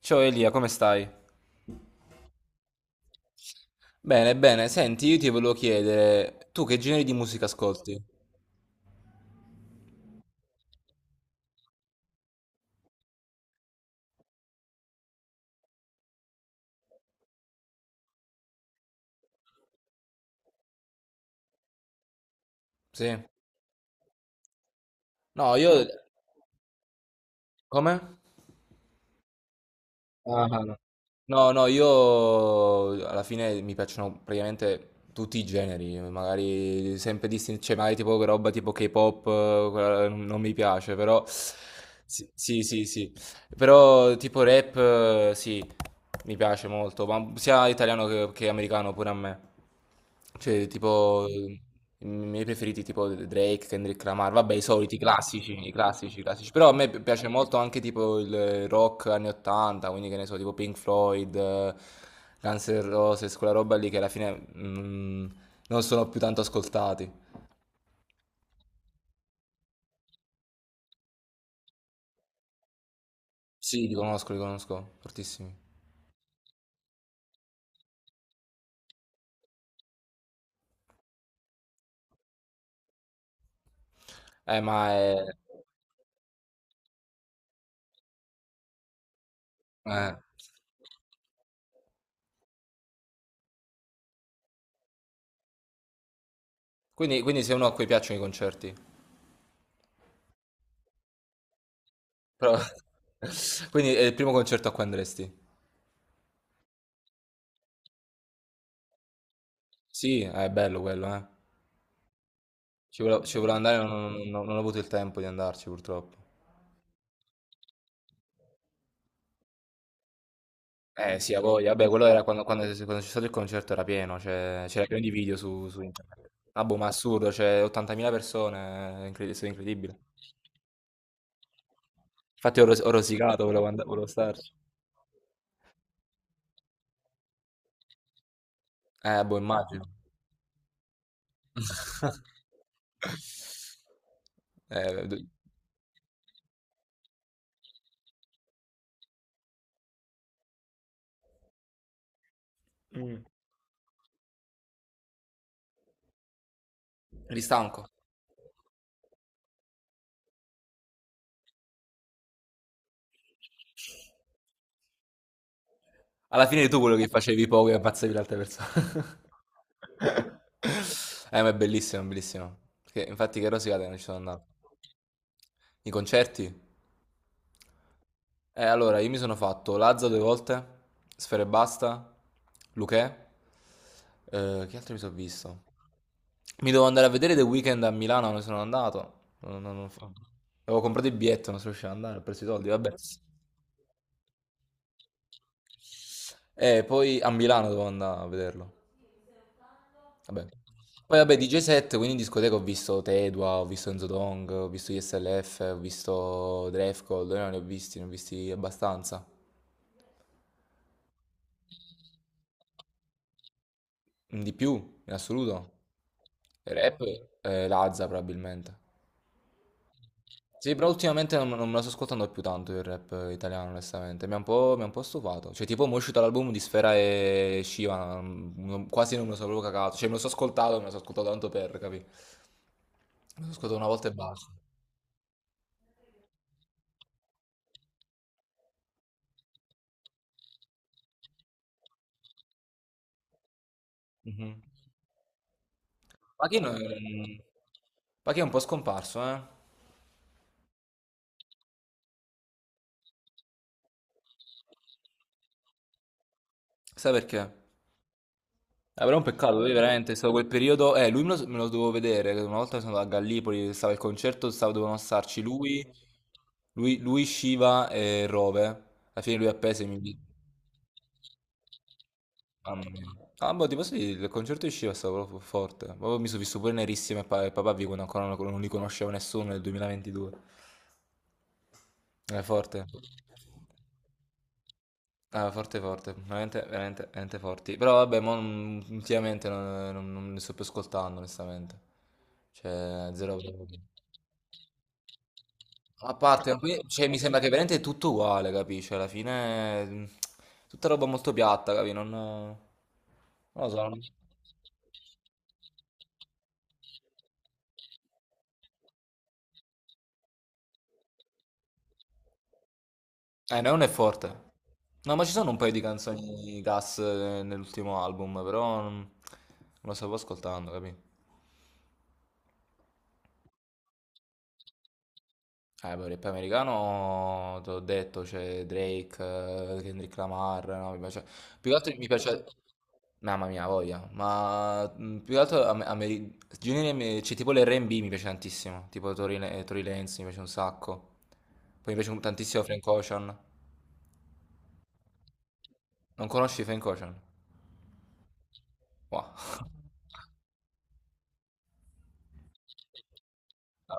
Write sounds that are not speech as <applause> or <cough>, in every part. Ciao Elia, come stai? Bene, bene, senti, io ti volevo chiedere, tu che generi di musica ascolti? Sì. No, io... Come? Ah, no. No, no, io alla fine mi piacciono praticamente tutti i generi, magari sempre distinti, cioè magari tipo roba tipo K-pop, quella non mi piace, però... Sì, sì, sì, sì. Però tipo rap, sì, mi piace molto, ma sia italiano che americano pure a me. Cioè, tipo, i miei preferiti tipo Drake, Kendrick Lamar, vabbè, i soliti, i classici, i classici, i classici. Però a me piace molto anche tipo il rock anni 80, quindi che ne so, tipo Pink Floyd, Guns N' Roses, quella roba lì che alla fine non sono più tanto ascoltati. Sì, li conosco, fortissimi. Ma è... eh. Quindi sei uno a cui piacciono i concerti. Però <laughs> quindi è il primo concerto a cui andresti. Sì, è bello quello, eh. Ci volevo andare, ma non ho avuto il tempo di andarci purtroppo. Eh sì, a voglia. Vabbè, quello era quando c'è stato il concerto era pieno, cioè, c'era pieno di video su internet. Ah boh, ma assurdo, cioè 80.000 persone, è è stato incredibile. Infatti ho rosicato, volevo starci. Boh, immagino. <laughs> D- Mm. Eri stanco? Alla fine eri tu quello che facevi poco e ammazzavi l'altra persona. <laughs> Ma è bellissimo, bellissimo. Perché infatti che rosicata non ci sono andato. I concerti? Allora, io mi sono fatto Lazza due volte, Sfera e Basta, Luchè. Che altro mi sono visto? Mi dovevo andare a vedere The Weeknd a Milano, non sono andato. Non fa- Avevo comprato il biglietto, non sono riuscito ad andare, ho preso i soldi, vabbè. E poi a Milano dovevo andare a vederlo. Vabbè. Poi vabbè, DJ set, quindi in discoteca ho visto Tedua, ho visto Enzo Dong, ho visto ISLF, ho visto Drefcold, no, ne ho visti abbastanza. Di più, in assoluto. E Rap, Lazza probabilmente. Sì, però ultimamente non me la sto ascoltando più tanto il rap italiano, onestamente. Mi ha un po' stufato. Cioè, tipo, mo' è uscito l'album di Sfera e Shiva, quasi non me lo sono proprio cagato. Cioè, me lo so ascoltato, me lo so ascoltato tanto per, capì? Me lo so ascoltato una volta e basta. Mhm. Pachino è, un- Pachino è un po' scomparso, eh? Sai perché? Però è un peccato, lui veramente, è stato quel periodo... lui me lo dovevo vedere, che una volta sono andato a Gallipoli, stava il concerto, stava, dovevano starci lui, lui, lui, Shiva e Rove. Alla fine lui appese e mi... invitò. Mamma mia. Ah, boh, ti posso dire, il concerto di Shiva è stato proprio forte. Proprio mi sono visto pure nerissimo e e papà vi quando ancora non li conosceva nessuno nel 2022. È forte. Ah, forte forte, veramente, veramente, veramente forti. Però vabbè, mo non- ultimamente non li sto più ascoltando, onestamente. Cioè, zero proprio. A parte, ma poi, cioè, mi sembra che veramente è tutto uguale, capisci? Alla fine, tutta roba molto piatta, capi? Non lo so. Non- non è forte. No, ma ci sono un paio di canzoni gas nell'ultimo album, però non lo stavo ascoltando, capi? Beh, il rap americano, te l'ho detto, c'è Drake, Kendrick Lamar, no, mi piace- Più che altro mi piace... Mamma mia, voglia. Ma più che altro cioè, tipo l'R&B mi piace tantissimo, tipo Tory Lanez mi piace un sacco. Poi mi piace tantissimo Frank Ocean. Non conosci Frank Ocean? Wow. <laughs> Ah,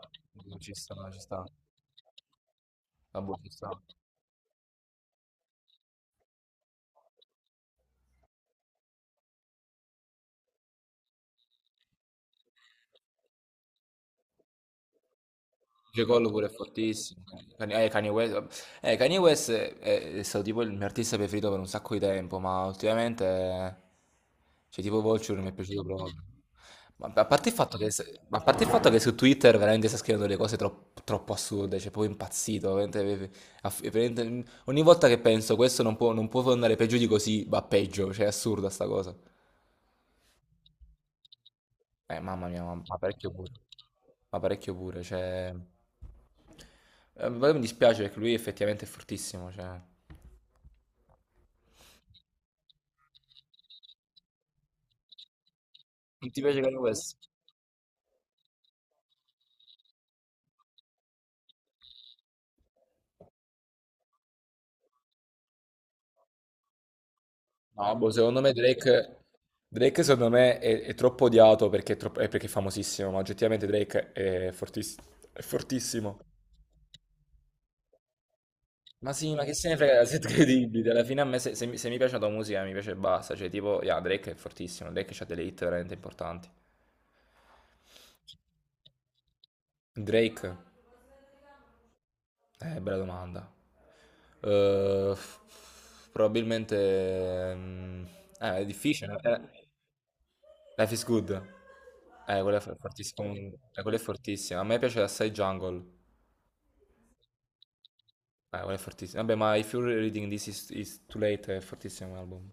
ci sta, ci sta. Vabbè, ci sta. Luce Collo pure è fortissimo. Kanye West, Kanye West è stato tipo il mio artista preferito per un sacco di tempo, ma ultimamente, cioè tipo Vulture non mi è piaciuto proprio. Ma a parte il fatto che, ma a parte il fatto che su Twitter veramente sta scrivendo delle cose troppo, troppo assurde, cioè proprio impazzito. Veramente- veramente- ogni volta che penso questo non può andare peggio di così, va peggio, cioè è assurda sta cosa. Mamma mia, ma parecchio pure. Ma parecchio pure, cioè... poi mi dispiace perché lui effettivamente è fortissimo, cioè... Non ti piace Kanye West? No, boh, secondo me Drake... Drake secondo me è troppo odiato perché è, è perché è famosissimo, ma oggettivamente Drake è è fortissimo. Ma sì, ma che se ne frega, <laughs> siete credibili. Alla fine a me se mi piace la tua musica mi piace e basta. Cioè, tipo, yeah, Drake è fortissimo, Drake ha delle hit veramente importanti. Drake? Bella domanda. Probabilmente... mm, è difficile. Life is good. Quella è fortissima. Eh, quella è fortissima. A me piace assai Jungle. Quella è fortissima. Vabbè, ma If You're Reading This Is Too Late è fortissimo come album.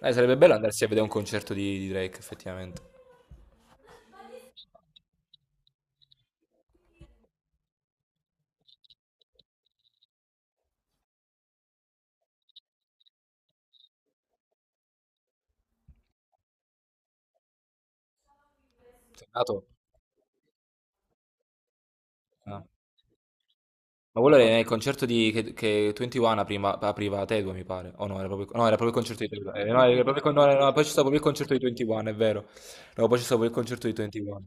Sarebbe bello andarsi a vedere un concerto di Drake, effettivamente. Sei andato? No. Ma quello era nel concerto che 21 prima, apriva Tedua, mi pare. O no, era proprio, no, era proprio il concerto di Tedua. No, era proprio, no, no, no, poi c'è stato proprio il concerto di 21, è vero. No, poi c'è stato proprio il concerto di 21.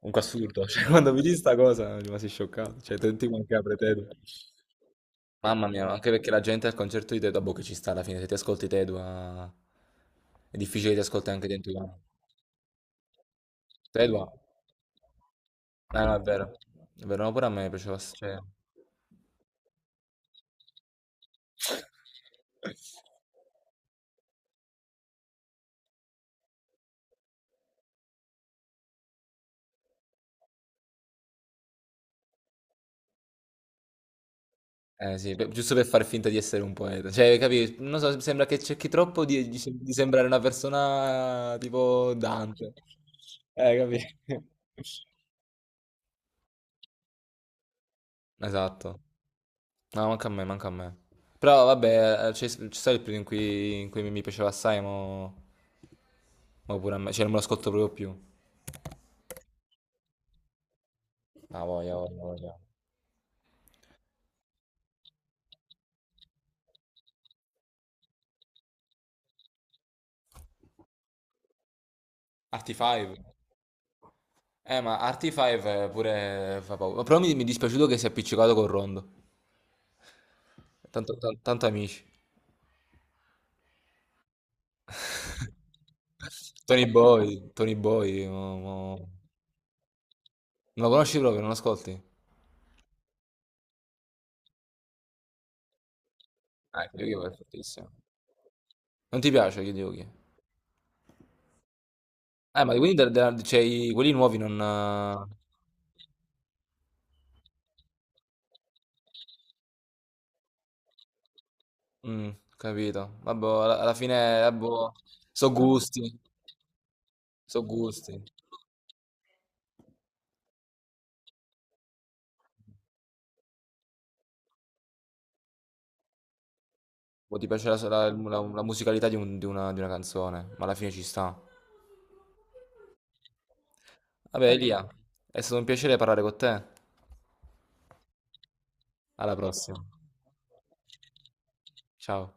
Comunque assurdo, <laughs> cioè quando vedi sta cosa mi rimasi scioccato. Cioè 21 che apre Tedua. Mamma mia, ma anche perché la gente al concerto di Tedua, boh, che ci sta alla fine, se ti ascolti Tedua è difficile che ti ascolti anche 21. Tedua? Ah, no, è vero. È vero, no, pure a me piaceva. Cioè... <laughs> Eh sì, giusto per far finta di essere un poeta. Cioè, capi? Non so, sembra che cerchi troppo di sembrare una persona tipo Dante. Capi? <laughs> Esatto. No, manca a me, manca a me. Però vabbè, c'è stato il periodo in cui mi piaceva assai, mo, mo pure a me, cioè non me lo ascolto proprio più. Ah, voglia, voglia, voglia. RT5? Ma RT5 pure fa paura. Però mi è dispiaciuto che si è appiccicato col Rondo. Tanto, tanto amici. <laughs> Tony Boy, Tony Boy, non lo conosci proprio, non lo ascolti? Kid Yugi è fortissimo. Non ti piace Kid Yugi? Ma quelli, c'è quelli nuovi non... mm, capito. Vabbè, alla fine, vabbè, so gusti, so gusti. Boh, ti piace la, la musicalità di una canzone, ma alla fine ci sta. Vabbè, Elia, è stato un piacere parlare con te. Alla prossima. Ciao.